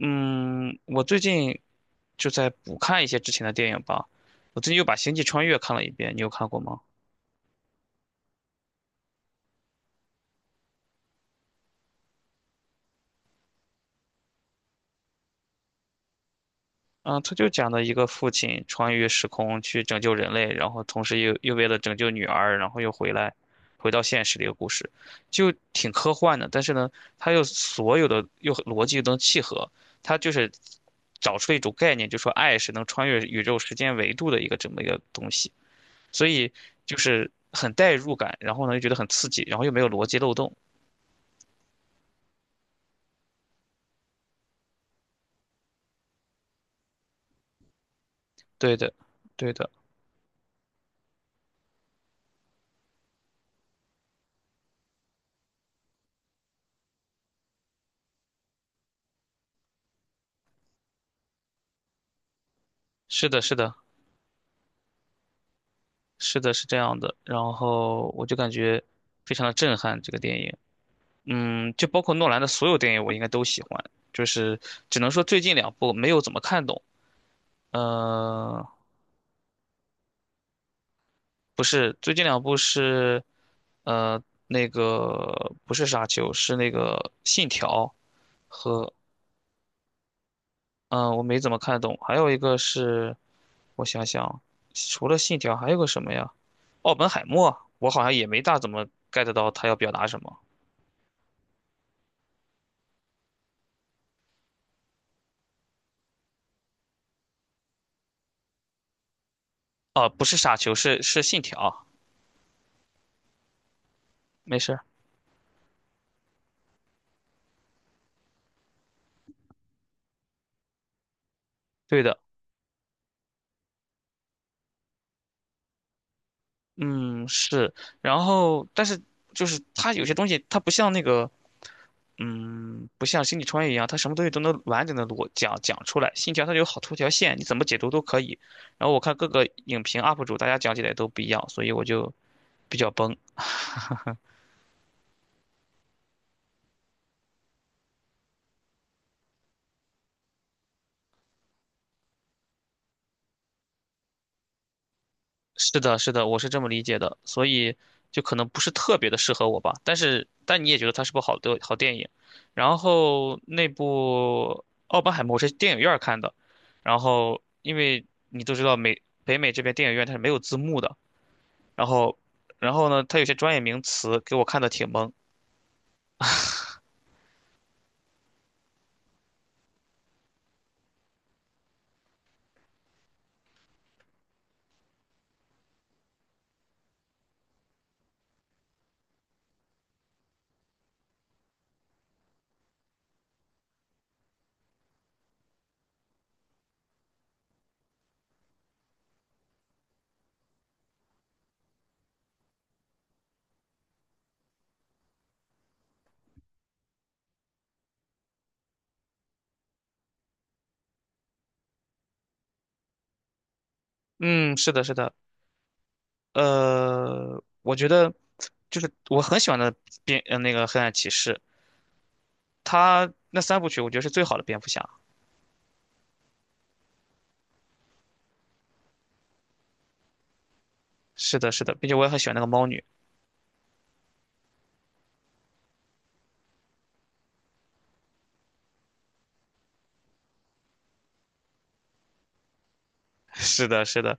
嗯，我最近就在补看一些之前的电影吧。我最近又把《星际穿越》看了一遍，你有看过吗？嗯，他就讲的一个父亲穿越时空去拯救人类，然后同时又为了拯救女儿，然后又回来，回到现实的一个故事，就挺科幻的。但是呢，他又所有的又逻辑又能契合，他就是找出了一种概念，就说爱是能穿越宇宙时间维度的一个这么一个东西。所以就是很代入感，然后呢又觉得很刺激，然后又没有逻辑漏洞。对的，对的，是的，是的，是的，是这样的。然后我就感觉非常的震撼这个电影，嗯，就包括诺兰的所有电影我应该都喜欢，就是只能说最近两部没有怎么看懂。呃，不是，最近两部是，呃，那个不是沙丘，是那个信条和嗯，我没怎么看懂。还有一个是，我想想，除了信条还有个什么呀？奥本海默，我好像也没大怎么 get 到他要表达什么。啊，不是傻球，是信条。没事儿，对的，嗯是。然后，但是就是他有些东西，他不像那个，嗯，不像星际穿越一样，他什么东西都能完整的逻讲讲出来。信条它有好多条线，你怎么解读都可以。然后我看各个影评 UP 主，大家讲起来都不一样，所以我就比较崩。是的，是的，我是这么理解的，所以就可能不是特别的适合我吧。但是，但你也觉得它是部好的好电影。然后那部《奥本海默》我是电影院儿看的，然后因为你都知道美北美这边电影院它是没有字幕的，然后然后呢，它有些专业名词给我看的挺懵。嗯，是的，是的，我觉得就是我很喜欢的蝙呃那个《黑暗骑士》，它那三部曲我觉得是最好的蝙蝠侠。是的，是的，并且我也很喜欢那个猫女。是的，是的，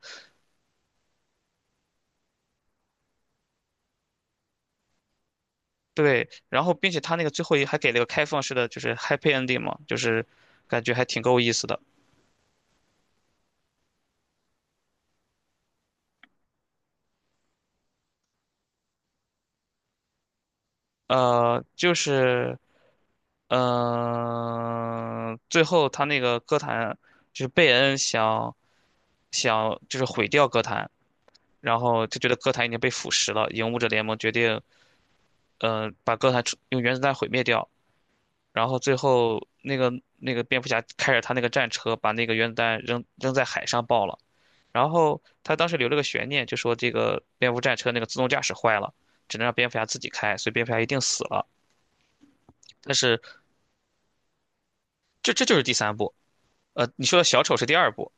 对。然后，并且他那个最后一还给了个开放式的，就是 happy ending 嘛，就是感觉还挺够意思的。就是最后他那个歌坛就是贝恩想就是毁掉歌坛，然后就觉得歌坛已经被腐蚀了，影舞者联盟决定把歌坛处用原子弹毁灭掉。然后最后那个蝙蝠侠开着他那个战车，把那个原子弹扔在海上爆了。然后他当时留了个悬念，就说这个蝙蝠战车那个自动驾驶坏了，只能让蝙蝠侠自己开，所以蝙蝠侠一定死了。但是这就是第三部，呃，你说的小丑是第二部，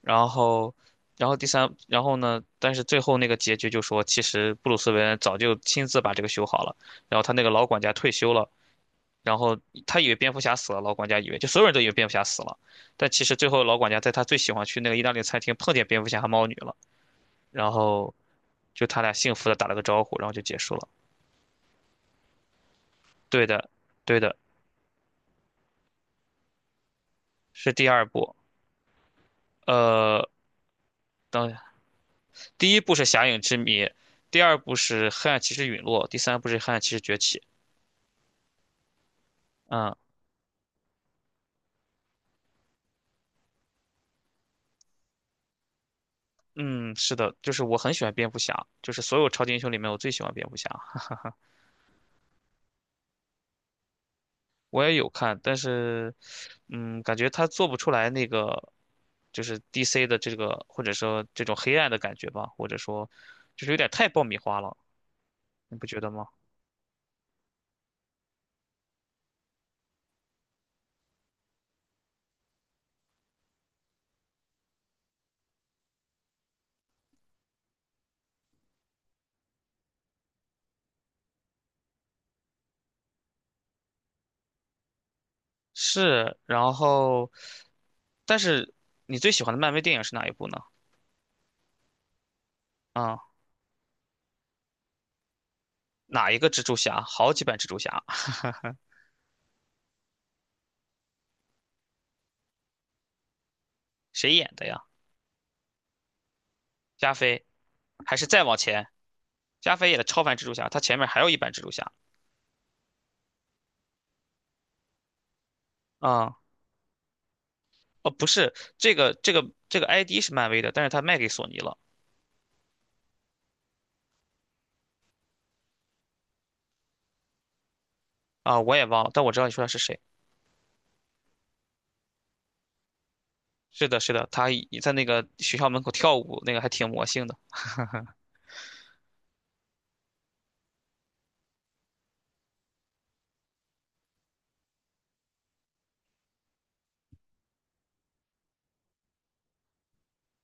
然后然后第三，然后呢？但是最后那个结局就说，其实布鲁斯韦恩早就亲自把这个修好了，然后他那个老管家退休了，然后他以为蝙蝠侠死了，老管家以为就所有人都以为蝙蝠侠死了，但其实最后老管家在他最喜欢去那个意大利餐厅碰见蝙蝠侠和猫女了，然后就他俩幸福的打了个招呼，然后就结束了。对的，对的，是第二部。呃，等第一部是《侠影之谜》，第二部是《黑暗骑士陨落》，第三部是《黑暗骑士崛起》。嗯嗯，是的，就是我很喜欢蝙蝠侠，就是所有超级英雄里面我最喜欢蝙蝠侠。我也有看，但是，嗯，感觉他做不出来那个，就是 DC 的这个，或者说这种黑暗的感觉吧，或者说，就是有点太爆米花了，你不觉得吗？是，然后，但是你最喜欢的漫威电影是哪一部呢？啊、哪一个蜘蛛侠？好几版蜘蛛侠，谁演的呀？加菲，还是再往前？加菲演的超凡蜘蛛侠，他前面还有一版蜘蛛侠啊、哦，不是，这个 ID 是漫威的，但是他卖给索尼了。啊，我也忘了，但我知道你说的是谁。是的，是的，他一在那个学校门口跳舞，那个还挺魔性的。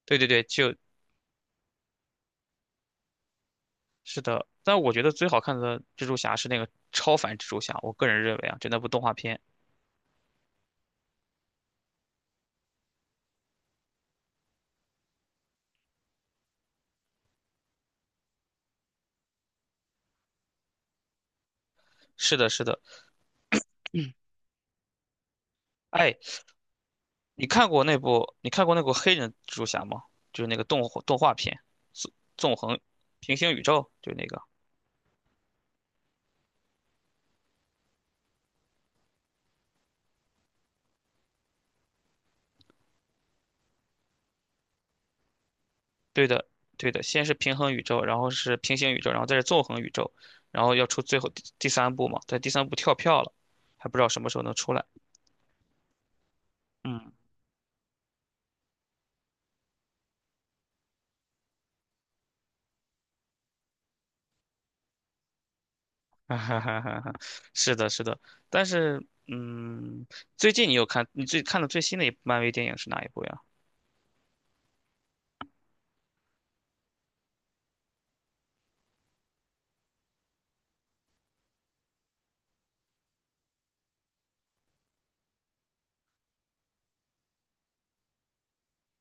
对对对，就是的。但我觉得最好看的蜘蛛侠是那个超凡蜘蛛侠，我个人认为啊，就那部动画片。是的，是的。哎，你看过那部黑人蜘蛛侠吗？就是那个动动画片，纵纵横平行宇宙，就那个。对的，对的。先是平衡宇宙，然后是平行宇宙，然后再是纵横宇宙，然后要出最后第三部嘛，在第三部跳票了，还不知道什么时候能出来。嗯，哈哈哈哈哈，是的，是的，但是，嗯，最近你最看的最新的一部漫威电影是哪一部呀？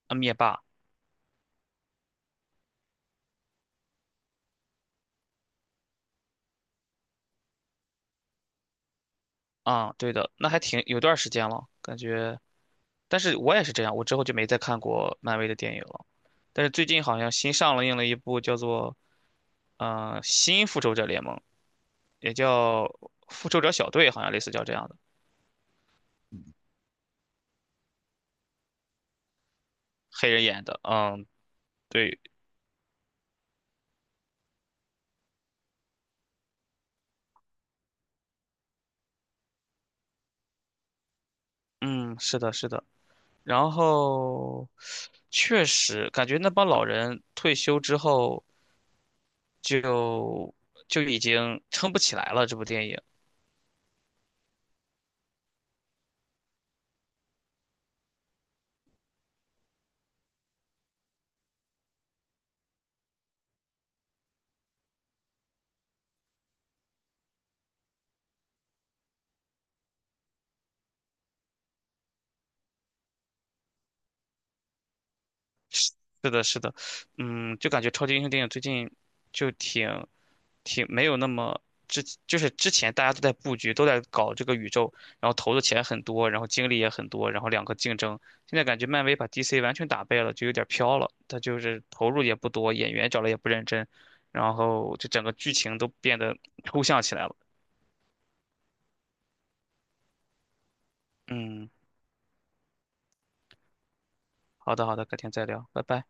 啊，灭霸啊，对的，那还挺有段时间了，感觉，但是我也是这样，我之后就没再看过漫威的电影了。但是最近好像新上了映了一部叫做嗯，新复仇者联盟，也叫复仇者小队，好像类似叫这样的，黑人演的，嗯，对，嗯，是的，是的。然后确实感觉那帮老人退休之后就就已经撑不起来了，这部电影。是的，是的，嗯，就感觉超级英雄电影最近就挺没有那么之，就是之前大家都在布局，都在搞这个宇宙，然后投的钱很多，然后精力也很多，然后两个竞争。现在感觉漫威把 DC 完全打败了，就有点飘了。他就是投入也不多，演员找了也不认真，然后这整个剧情都变得抽象起来了。嗯，好的，好的，改天再聊，拜拜。